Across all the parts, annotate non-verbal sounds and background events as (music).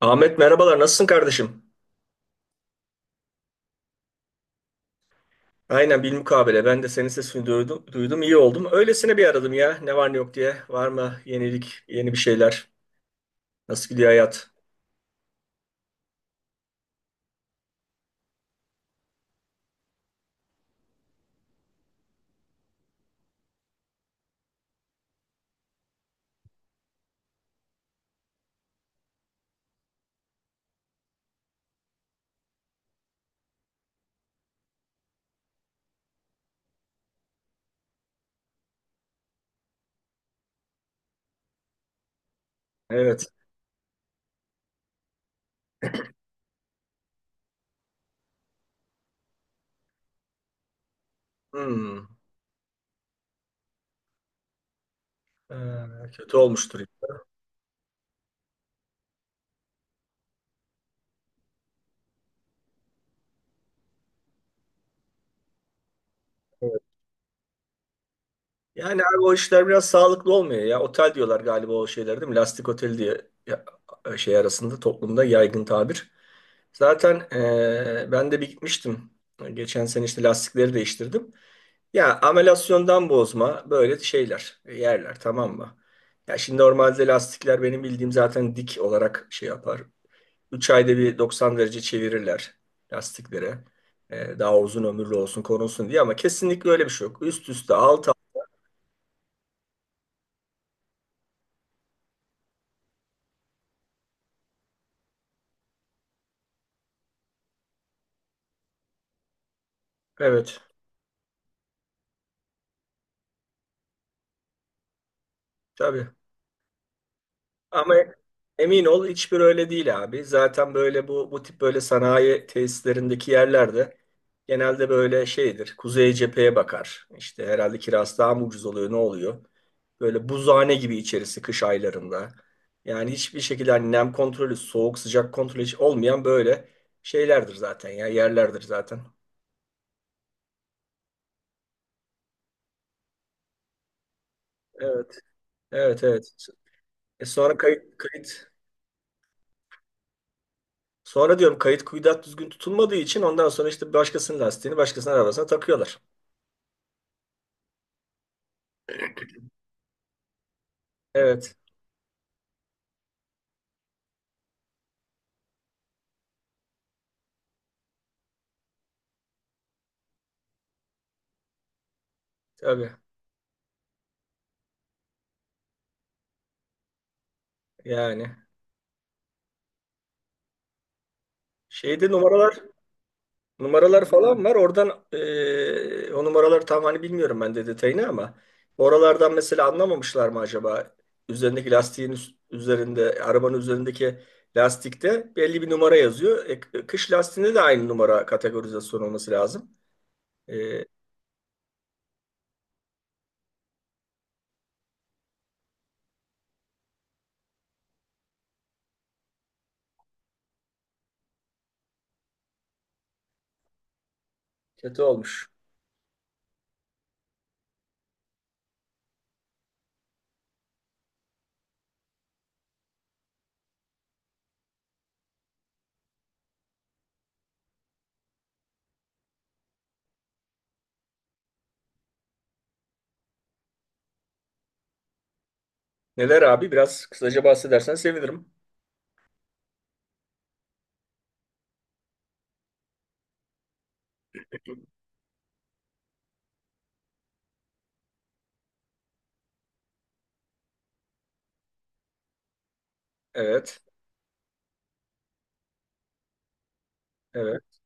Ahmet merhabalar nasılsın kardeşim? Aynen bilmukabele ben de senin sesini duydum, duydum iyi oldum. Öylesine bir aradım ya ne var ne yok diye. Var mı yenilik yeni bir şeyler? Nasıl gidiyor hayat? Evet. Hmm. Kötü olmuştur. Evet. Yani abi o işler biraz sağlıklı olmuyor ya. Otel diyorlar galiba o şeyler değil mi? Lastik otel diye ya- şey arasında toplumda yaygın tabir. Zaten ben de bir gitmiştim. Geçen sene işte lastikleri değiştirdim. Ya amelasyondan bozma böyle şeyler, yerler tamam mı? Ya şimdi normalde lastikler benim bildiğim zaten dik olarak şey yapar. 3 ayda bir 90 derece çevirirler lastikleri. Daha uzun ömürlü olsun korunsun diye ama kesinlikle öyle bir şey yok. Üst üste alt alt. Evet, tabii. Ama emin ol hiçbir öyle değil abi. Zaten böyle bu tip böyle sanayi tesislerindeki yerlerde genelde böyle şeydir. Kuzey cepheye bakar. İşte herhalde kirası daha mı ucuz oluyor ne oluyor? Böyle buzhane gibi içerisi kış aylarında. Yani hiçbir şekilde hani nem kontrolü, soğuk sıcak kontrolü hiç olmayan böyle şeylerdir zaten ya yerlerdir zaten. Evet, evet, evet. Sonra kayıt, kayıt. Sonra diyorum kayıt kuyudat düzgün tutulmadığı için ondan sonra işte başkasının lastiğini başkasının arabasına takıyorlar. Evet, tabii. Yani şeyde numaralar. Numaralar falan var. Oradan o numaraları tam hani bilmiyorum ben de detayını ama oralardan mesela anlamamışlar mı acaba? Üzerindeki lastiğin üzerinde, arabanın üzerindeki lastikte belli bir numara yazıyor. Kış lastiğinde de aynı numara kategorizasyon olması lazım. Eee, kötü olmuş. Neler abi? Biraz kısaca bahsedersen sevinirim. Evet, evet.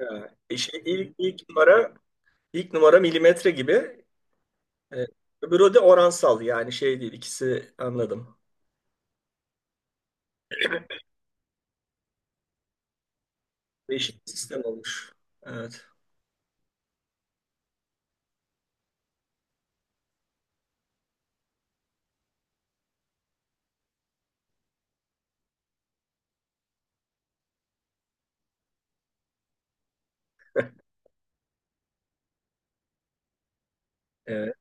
Ha, İşte ilk numara milimetre gibi. E, öbürü de oransal yani şey değil. İkisi anladım. Değişik bir sistem olmuş. Evet. Evet,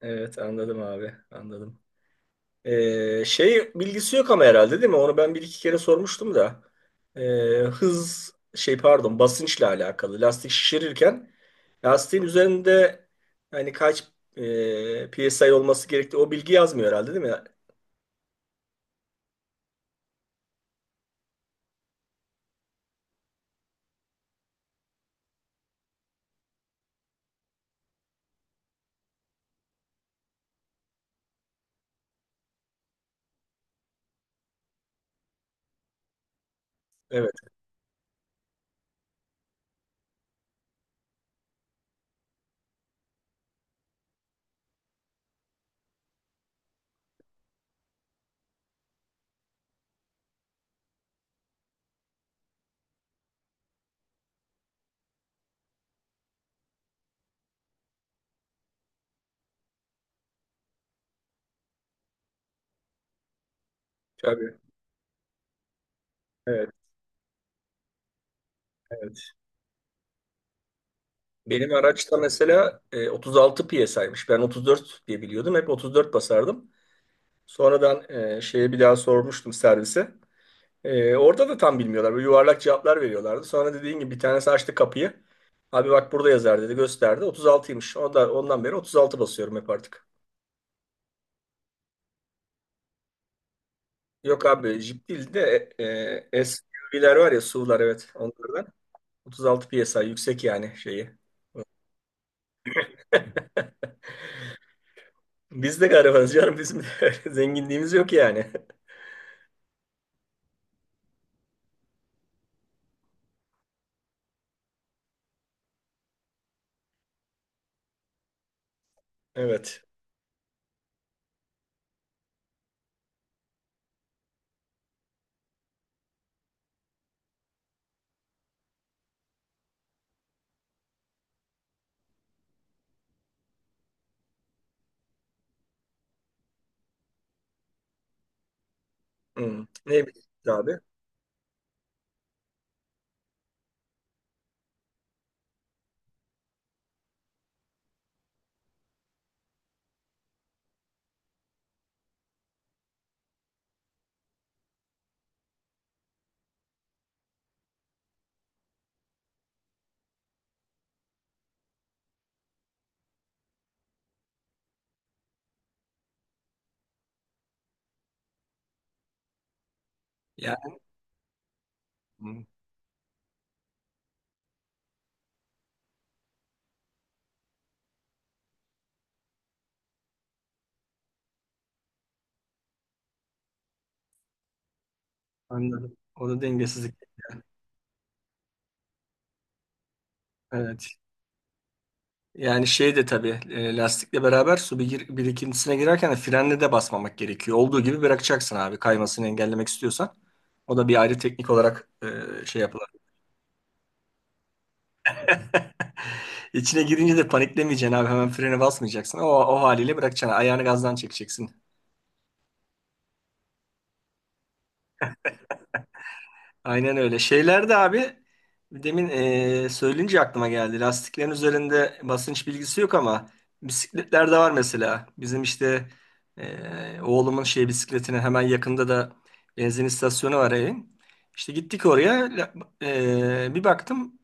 evet anladım abi, anladım. Şey bilgisi yok ama herhalde değil mi? Onu ben bir iki kere sormuştum da. Ee, hız şey pardon basınçla alakalı. Lastik şişirirken lastiğin üzerinde hani kaç PSI olması gerektiği o bilgi yazmıyor herhalde değil mi? Evet, tabii. Evet, evet. Benim araçta mesela 36 PSI'ymış. Ben 34 diye biliyordum. Hep 34 basardım. Sonradan şeye bir daha sormuştum servise. Orada da tam bilmiyorlar. Böyle yuvarlak cevaplar veriyorlardı. Sonra dediğin gibi bir tanesi açtı kapıyı. Abi bak burada yazar dedi gösterdi. 36'ymış. Ondan beri 36 basıyorum hep artık. Yok abi jip değil de SUV'ler var ya SUV'lar evet onlardan. 36 psi yüksek yani şeyi. (laughs) Biz de garibanız canım bizim de (laughs) zenginliğimiz yok yani. (laughs) Evet. Hmm. Ne bileyim abi. Yani hmm, anladım. O da dengesizlik. Evet. Yani şey de tabii lastikle beraber su birikintisine girerken de frenle de basmamak gerekiyor. Olduğu gibi bırakacaksın abi kaymasını engellemek istiyorsan. O da bir ayrı teknik olarak şey yapılır. (laughs) İçine girince de paniklemeyeceksin abi hemen frene basmayacaksın. O haliyle bırakacaksın ayağını gazdan çekeceksin. Aynen öyle. Şeyler de abi demin söyleyince aklıma geldi. Lastiklerin üzerinde basınç bilgisi yok ama bisikletlerde var mesela. Bizim işte oğlumun şey bisikletine hemen yakında da benzin istasyonu var evin. İşte gittik oraya bir baktım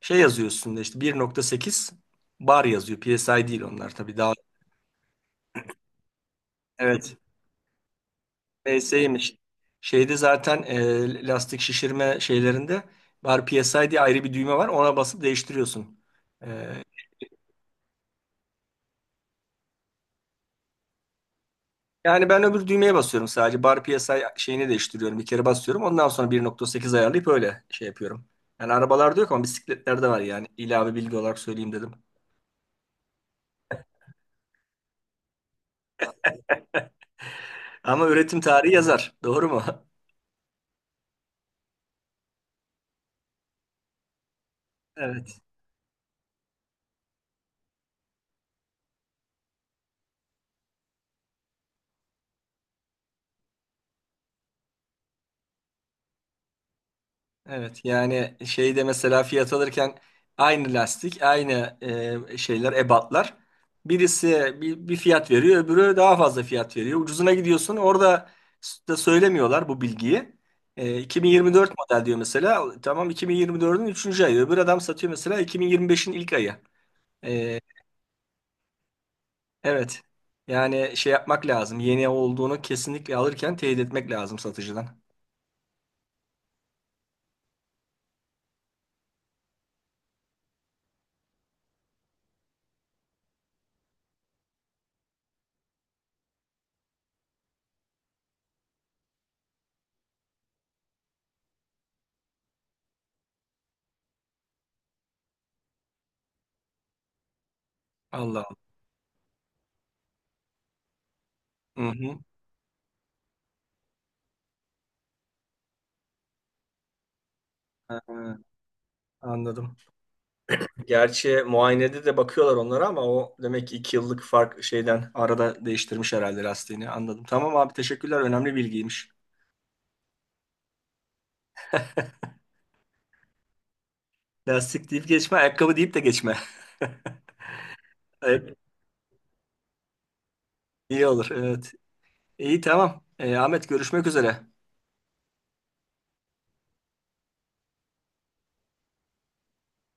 şey yazıyor üstünde işte 1.8 bar yazıyor. PSI değil onlar tabii daha. Evet. PS'ymiş. Şeyde zaten lastik şişirme şeylerinde bar PSI diye ayrı bir düğme var. Ona basıp değiştiriyorsun. E, yani ben öbür düğmeye basıyorum sadece. Bar PSI şeyini değiştiriyorum. Bir kere basıyorum. Ondan sonra 1.8 ayarlayıp öyle şey yapıyorum. Yani arabalarda yok ama bisikletlerde var yani. İlave bilgi olarak söyleyeyim dedim. Ama üretim tarihi yazar. Doğru mu? (laughs) Evet. Evet yani şeyde mesela fiyat alırken aynı lastik, aynı şeyler, ebatlar. Birisi bir fiyat veriyor, öbürü daha fazla fiyat veriyor. Ucuzuna gidiyorsun. Orada da söylemiyorlar bu bilgiyi. 2024 model diyor mesela. Tamam 2024'ün üçüncü ayı. Öbür adam satıyor mesela 2025'in ilk ayı. E, Evet. Yani şey yapmak lazım. Yeni olduğunu kesinlikle alırken teyit etmek lazım satıcıdan. Allah Allah. Hı hı. Ha, anladım. Gerçi muayenede de bakıyorlar onlara ama o demek ki 2 yıllık fark şeyden arada değiştirmiş herhalde lastiğini. Anladım. Tamam abi teşekkürler. Önemli bilgiymiş. Lastik deyip geçme, ayakkabı deyip de geçme. (laughs) Evet, iyi olur. Evet. İyi tamam. Ahmet görüşmek üzere.